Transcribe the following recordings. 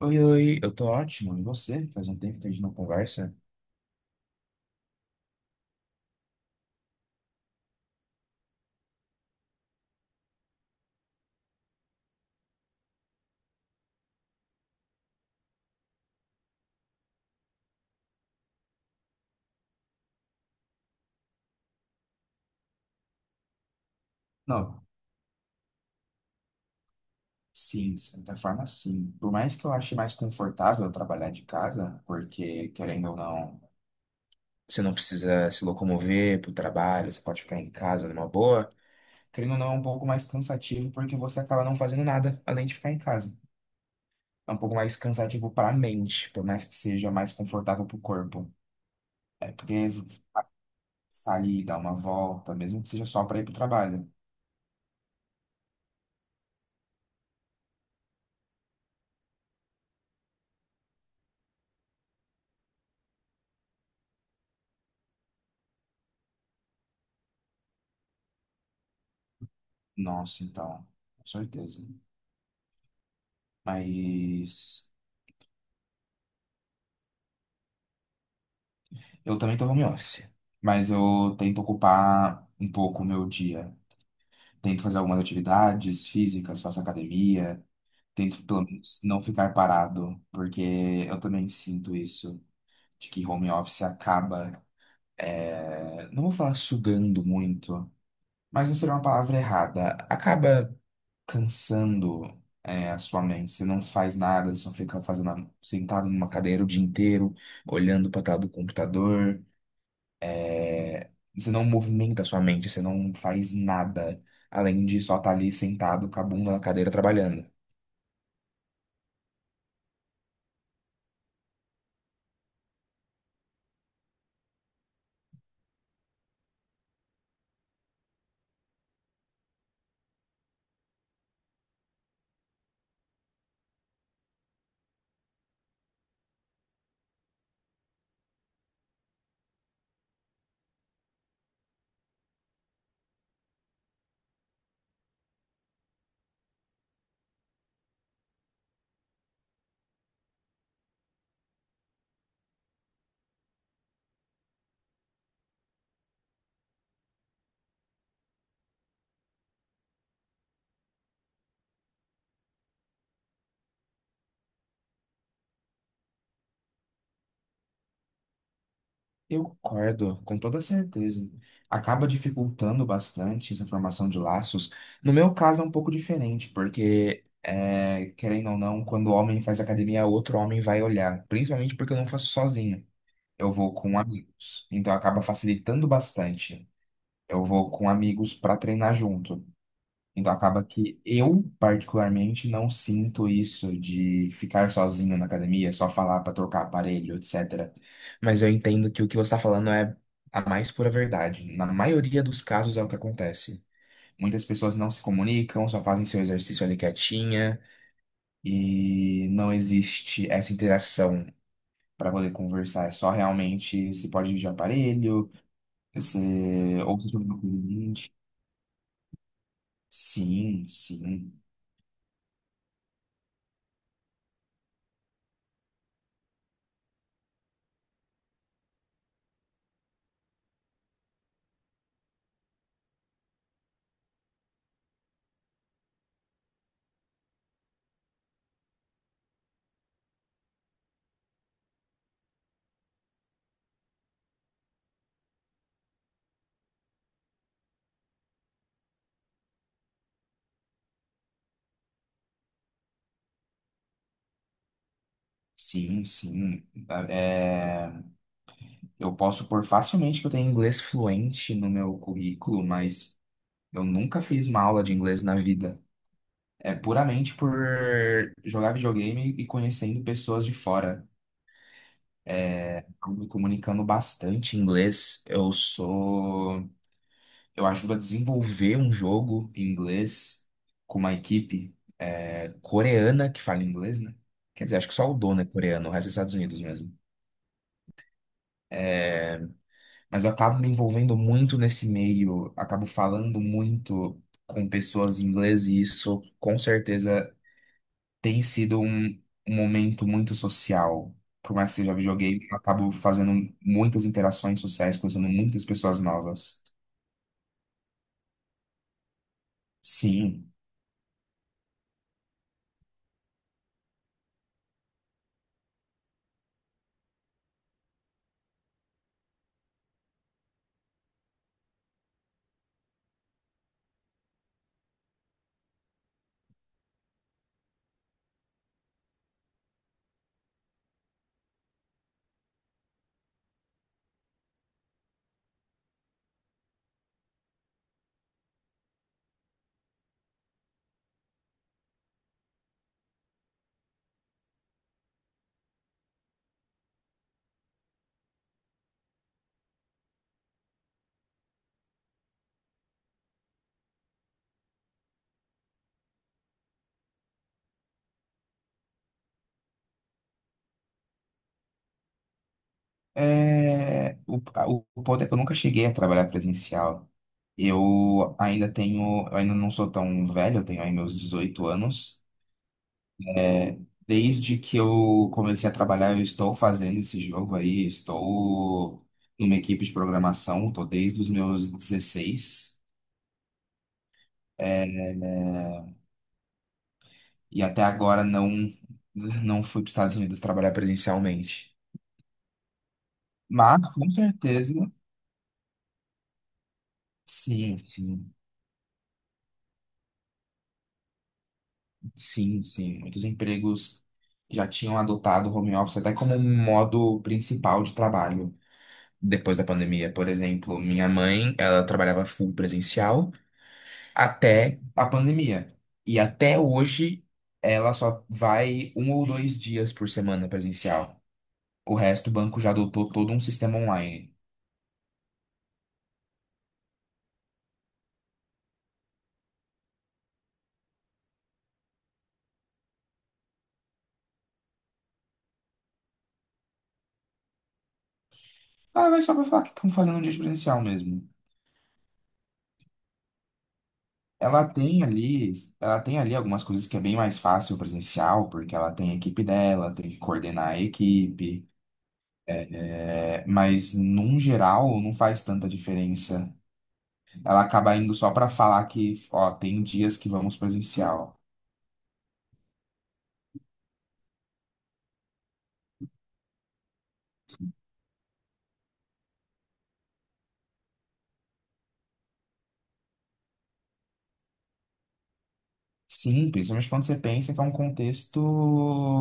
Oi, oi, eu tô ótimo. E você? Faz um tempo que a gente não conversa? Não, sim, de certa forma, sim. Por mais que eu ache mais confortável trabalhar de casa, porque, querendo ou não, você não precisa se locomover pro trabalho, você pode ficar em casa numa boa. Querendo ou não, é um pouco mais cansativo, porque você acaba não fazendo nada além de ficar em casa. É um pouco mais cansativo para a mente, por mais que seja mais confortável para o corpo. É porque sair, dar uma volta, mesmo que seja só para ir para o trabalho. Nossa, então, com certeza. Mas eu também tô home office, mas eu tento ocupar um pouco o meu dia. Tento fazer algumas atividades físicas, faço academia, tento pelo menos não ficar parado, porque eu também sinto isso, de que home office acaba não vou falar sugando muito, mas não seria uma palavra errada. Acaba cansando, a sua mente. Você não faz nada, só fica fazendo, sentado numa cadeira o dia inteiro, olhando para tela do computador. É, você não movimenta a sua mente, você não faz nada além de só estar ali sentado com a bunda na cadeira trabalhando. Eu concordo, com toda certeza. Acaba dificultando bastante essa formação de laços. No meu caso é um pouco diferente, porque, querendo ou não, quando o homem faz academia, outro homem vai olhar. Principalmente porque eu não faço sozinho. Eu vou com amigos. Então acaba facilitando bastante. Eu vou com amigos para treinar junto. Então acaba que eu, particularmente, não sinto isso de ficar sozinho na academia, só falar para trocar aparelho, etc. Mas eu entendo que o que você está falando é a mais pura verdade. Na maioria dos casos é o que acontece. Muitas pessoas não se comunicam, só fazem seu exercício ali quietinha e não existe essa interação para poder conversar. É só realmente se pode ir de aparelho, você ou você tem um cliente. Sim, sim. Sim, sim. É, eu posso pôr facilmente que eu tenho inglês fluente no meu currículo, mas eu nunca fiz uma aula de inglês na vida. É puramente por jogar videogame e conhecendo pessoas de fora. Eu me comunicando bastante em inglês. Eu sou. Eu ajudo a desenvolver um jogo em inglês com uma equipe coreana que fala inglês, né? Quer dizer, acho que só o dono é coreano, o resto é Estados Unidos mesmo. Mas eu acabo me envolvendo muito nesse meio, acabo falando muito com pessoas em inglês e isso com certeza tem sido um momento muito social. Por mais que seja videogame, eu acabo fazendo muitas interações sociais, conhecendo muitas pessoas novas. Sim. O ponto é que eu nunca cheguei a trabalhar presencial. Eu ainda não sou tão velho, eu tenho aí meus 18 anos. Desde que eu comecei a trabalhar, eu estou fazendo esse jogo aí, estou numa equipe de programação, estou desde os meus 16. eh, e até agora não fui para os Estados Unidos trabalhar presencialmente. Mas, com certeza, sim, sim, sim, sim. Muitos empregos já tinham adotado o home office até como um modo principal de trabalho depois da pandemia. Por exemplo, minha mãe, ela trabalhava full presencial até a pandemia. E até hoje, ela só vai um ou dois dias por semana presencial. O resto, o banco já adotou todo um sistema online. Ah, mas só pra falar que estão fazendo um dia de presencial mesmo. Ela tem ali, ela tem ali algumas coisas que é bem mais fácil presencial, porque ela tem a equipe dela, tem que coordenar a equipe. É, mas num geral não faz tanta diferença. Ela acaba indo só pra falar que, ó, tem dias que vamos presencial. Sim, principalmente quando você pensa que é um contexto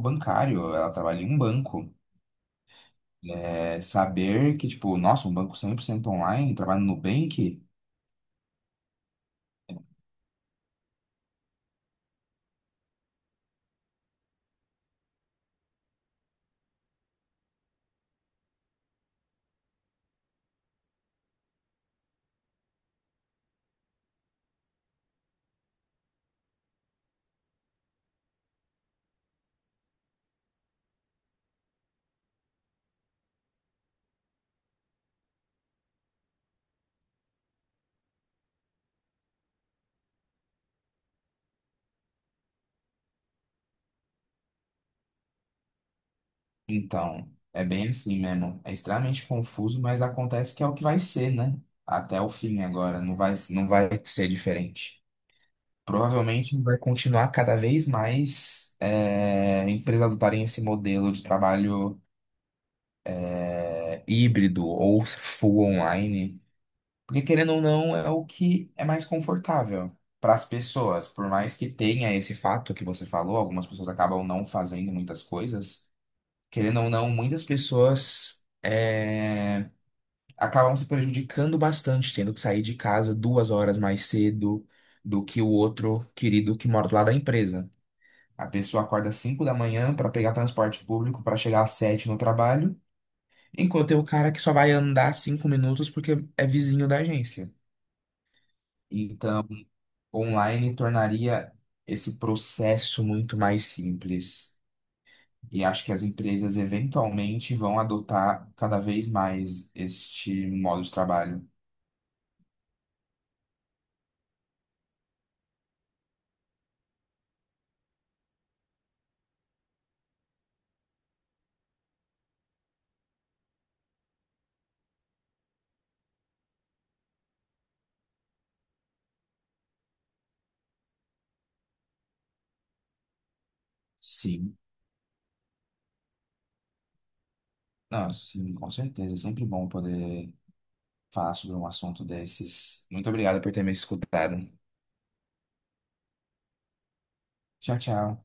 bancário, ela trabalha em um banco. É, saber que, tipo, nossa, um banco 100% online, trabalha no Nubank, então, é bem assim mesmo. É extremamente confuso, mas acontece que é o que vai ser, né? Até o fim agora, não vai ser diferente. Provavelmente vai continuar cada vez mais empresas adotarem esse modelo de trabalho híbrido ou full online. Porque querendo ou não, é o que é mais confortável para as pessoas. Por mais que tenha esse fato que você falou, algumas pessoas acabam não fazendo muitas coisas. Querendo ou não, muitas pessoas acabam se prejudicando bastante, tendo que sair de casa 2 horas mais cedo do que o outro querido que mora lá da empresa. A pessoa acorda às 5 da manhã para pegar transporte público para chegar às 7 no trabalho, enquanto tem o cara que só vai andar 5 minutos porque é vizinho da agência. Então, online tornaria esse processo muito mais simples. E acho que as empresas eventualmente vão adotar cada vez mais este modo de trabalho. Sim, não, sim, com certeza. É sempre bom poder falar sobre um assunto desses. Muito obrigado por ter me escutado. Tchau, tchau.